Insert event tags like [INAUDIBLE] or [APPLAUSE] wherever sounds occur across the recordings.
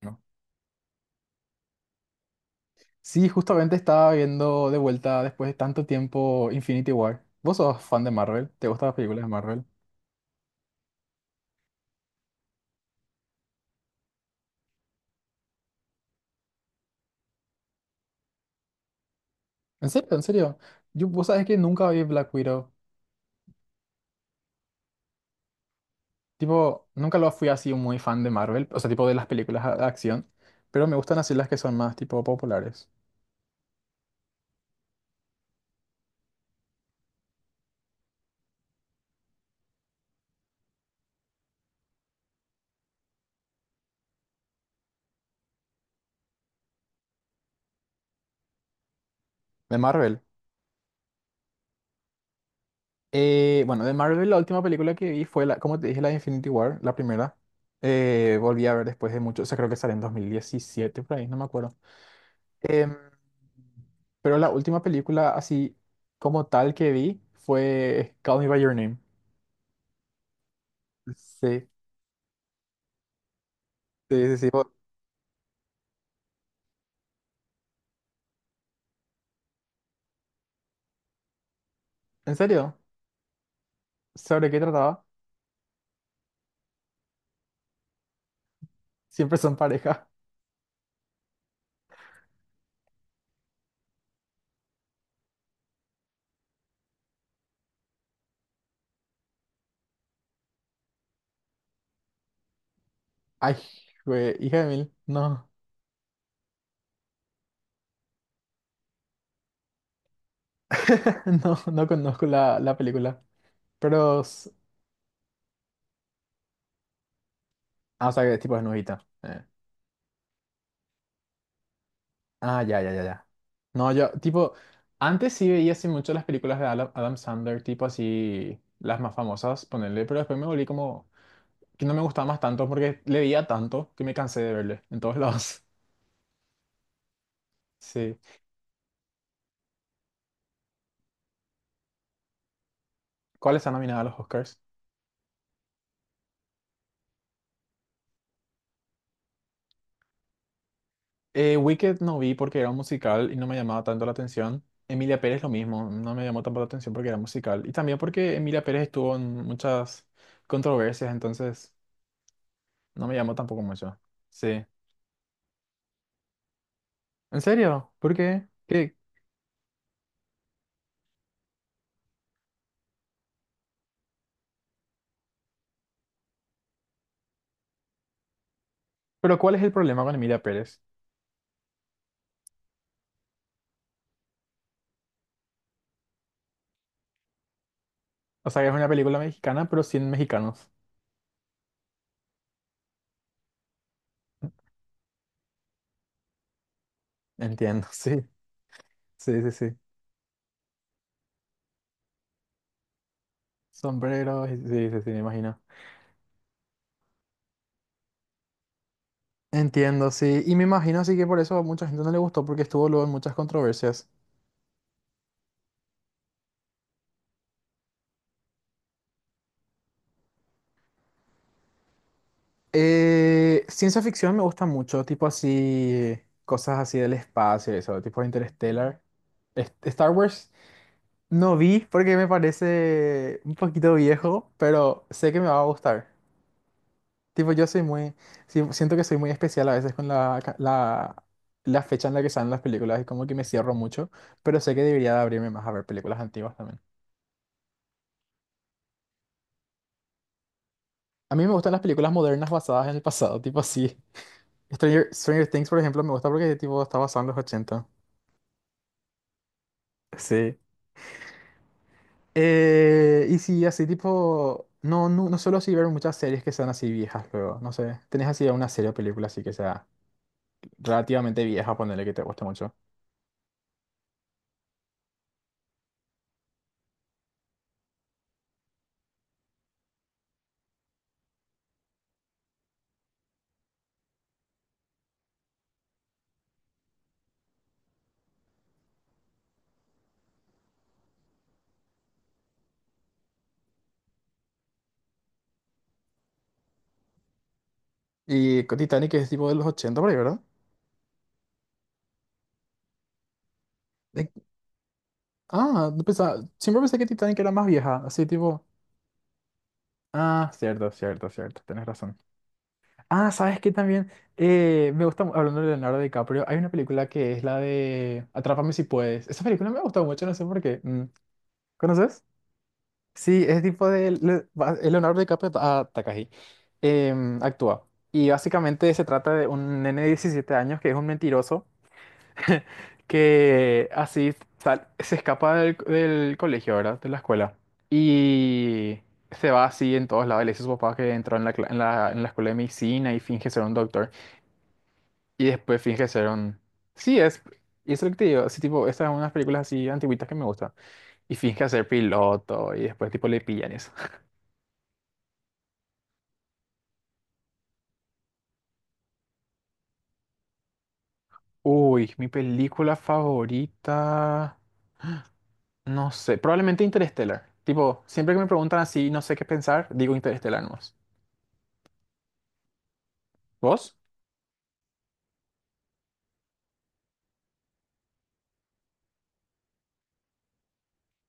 ¿No? Sí, justamente estaba viendo de vuelta después de tanto tiempo Infinity War. ¿Vos sos fan de Marvel? ¿Te gustan las películas de Marvel? ¿En serio? ¿En serio? Vos sabés que nunca vi Black Widow. Tipo, nunca lo fui así muy fan de Marvel, o sea, tipo de las películas de acción, pero me gustan así las que son más tipo populares. De Marvel. Bueno, de Marvel la última película que vi fue, como te dije, la de Infinity War, la primera. Volví a ver después de mucho, o sea, creo que salió en 2017, por ahí, no me acuerdo. Em, pero la última película así como tal que vi fue Call Me by Your Name. Sí, sí, sí, sí. ¿En serio? ¿Sobre qué trataba? Siempre son pareja. Ay, güey, hija de mil. No, [LAUGHS] no, no conozco la película. Pero, ah, o sea, que tipo es nuevita. Ah, ya, ya, ya, ya. No, yo, tipo, antes sí veía así mucho las películas de Adam Sandler, tipo así, las más famosas, ponerle, pero después me volví como que no me gustaba más tanto porque le veía tanto que me cansé de verle en todos lados. [LAUGHS] Sí. ¿Cuáles están nominadas a los Oscars? Wicked no vi porque era un musical y no me llamaba tanto la atención. Emilia Pérez lo mismo, no me llamó tanto la atención porque era musical. Y también porque Emilia Pérez estuvo en muchas controversias, entonces no me llamó tampoco mucho. Sí. ¿En serio? ¿Por qué? ¿Qué? ¿Pero cuál es el problema con Emilia Pérez? O sea, que es una película mexicana, pero sin mexicanos. Entiendo, [LAUGHS] sí. Sí, sí, sí. Sombreros, sí, sí, sí, me imagino. Entiendo, sí. Y me imagino así que por eso a mucha gente no le gustó porque estuvo luego en muchas controversias. Ciencia ficción me gusta mucho, tipo así, cosas así del espacio, y eso, tipo Interstellar. Star Wars no vi porque me parece un poquito viejo, pero sé que me va a gustar. Tipo, yo soy muy, sí, siento que soy muy especial a veces con la fecha en la que salen las películas y como que me cierro mucho, pero sé que debería de abrirme más a ver películas antiguas también. A mí me gustan las películas modernas basadas en el pasado, tipo así. Stranger Things, por ejemplo, me gusta porque tipo está basado en los 80. Sí. Y sí, así tipo... No, no, no suelo así ver muchas series que sean así viejas luego, no sé. ¿Tenés así una serie o película así que sea relativamente vieja, ponerle que te guste mucho? Y con Titanic es tipo de los 80 por ahí, ¿verdad? De- Ah, no pensaba- siempre pensé que Titanic era más vieja, así tipo... Ah, cierto, cierto, cierto, tenés razón. Ah, ¿sabes qué también? Me gusta, hablando de Leonardo DiCaprio, hay una película que es la de Atrápame si puedes. Esa película me ha gustado mucho, no sé por qué. ¿Conoces? Sí, es tipo de es Leonardo DiCaprio a Takagi. Actúa. Y básicamente se trata de un nene de 17 años que es un mentiroso que así se escapa del colegio, ¿verdad? De la escuela. Y se va así en todos lados. Le dice a su papá que entró en la, cla- en la escuela de medicina y finge ser un doctor. Y después finge ser un... Sí, es... Y eso es lo que te digo, así tipo, estas son unas películas así antiguitas que me gustan. Y finge ser piloto y después tipo le pillan eso. [LAUGHS] Uy, mi película favorita... No sé, probablemente Interstellar. Tipo, siempre que me preguntan así, no sé qué pensar, digo Interstellar nomás. ¿Vos?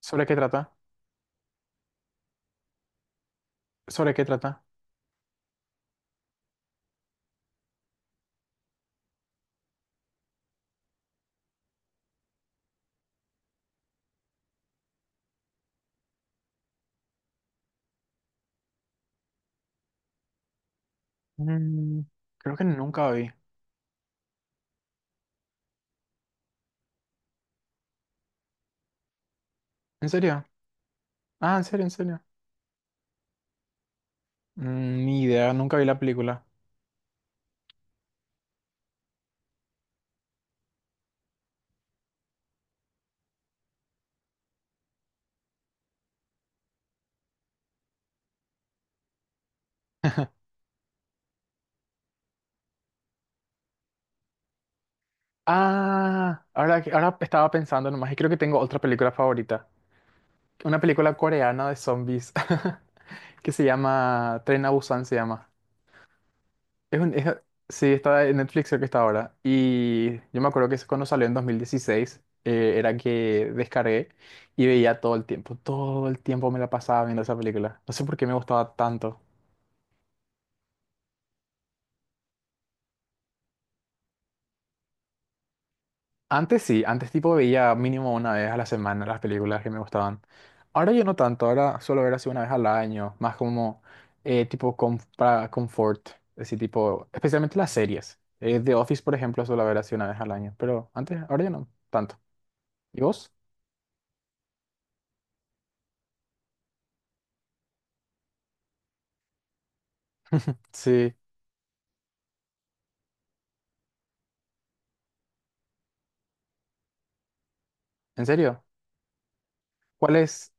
¿Sobre qué trata? ¿Sobre qué trata? Mm, Creo que nunca vi. ¿En serio? Ah, en serio, en serio. Ni idea, nunca vi la película. [LAUGHS] Ah, ahora, ahora estaba pensando nomás y creo que tengo otra película favorita. Una película coreana de zombies [LAUGHS] que se llama Tren a Busan se llama. Es un, es- sí, está en Netflix creo que está ahora. Y yo me acuerdo que cuando salió en 2016 era que descargué y veía todo el tiempo. Todo el tiempo me la pasaba viendo esa película. No sé por qué me gustaba tanto. Antes sí, antes tipo veía mínimo una vez a la semana las películas que me gustaban. Ahora ya no tanto, ahora suelo ver así una vez al año, más como tipo para confort, así tipo, especialmente las series. The Office, por ejemplo, suelo ver así una vez al año, pero antes, ahora ya no tanto. ¿Y vos? Sí, ¿en serio? ¿Cuál es?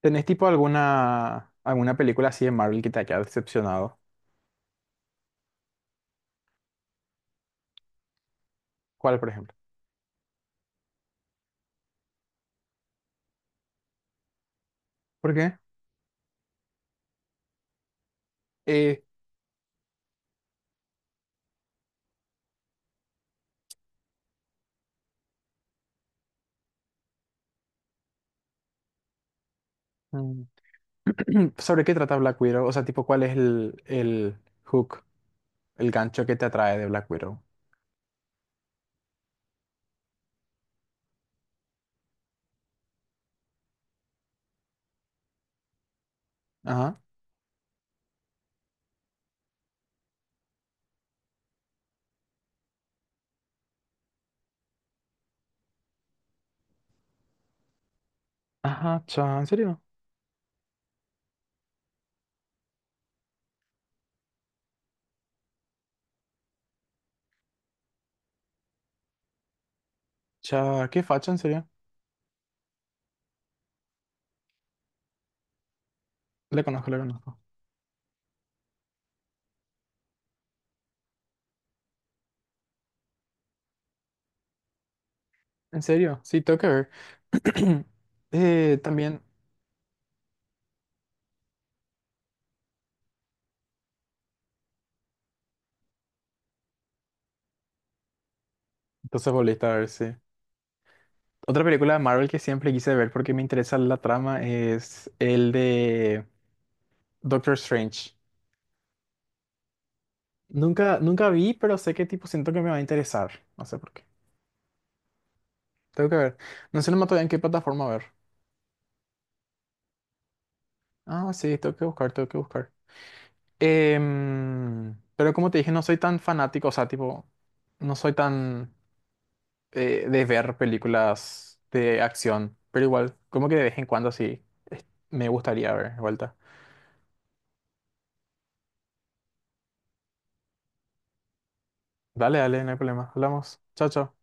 ¿Tenés tipo alguna película así de Marvel que te haya decepcionado? ¿Cuál, por ejemplo? ¿Por qué? Eh, mm, [CLEARS THROAT] ¿sobre qué trata Black Widow? O sea, tipo, ¿cuál es el hook? El gancho que te atrae de Black Widow. Ajá. Ajá, cha, ¿en serio? Cha, qué facha, en serio. Le conozco, le conozco. ¿En serio? Sí, tengo que ver. [CLEARS THROAT] También, entonces volviste a ver, sí. Otra película de Marvel que siempre quise ver porque me interesa la trama es el de Doctor Strange. Nunca vi, pero sé que tipo siento que me va a interesar. No sé por qué. Tengo que ver. No sé nomás todavía en qué plataforma ver. Ah, sí, tengo que buscar, tengo que buscar. Pero como te dije, no soy tan fanático, o sea, tipo, no soy tan de ver películas de acción, pero igual, como que de vez en cuando sí me gustaría ver de vuelta. Dale, dale, no hay problema. Hablamos. Chao, chao.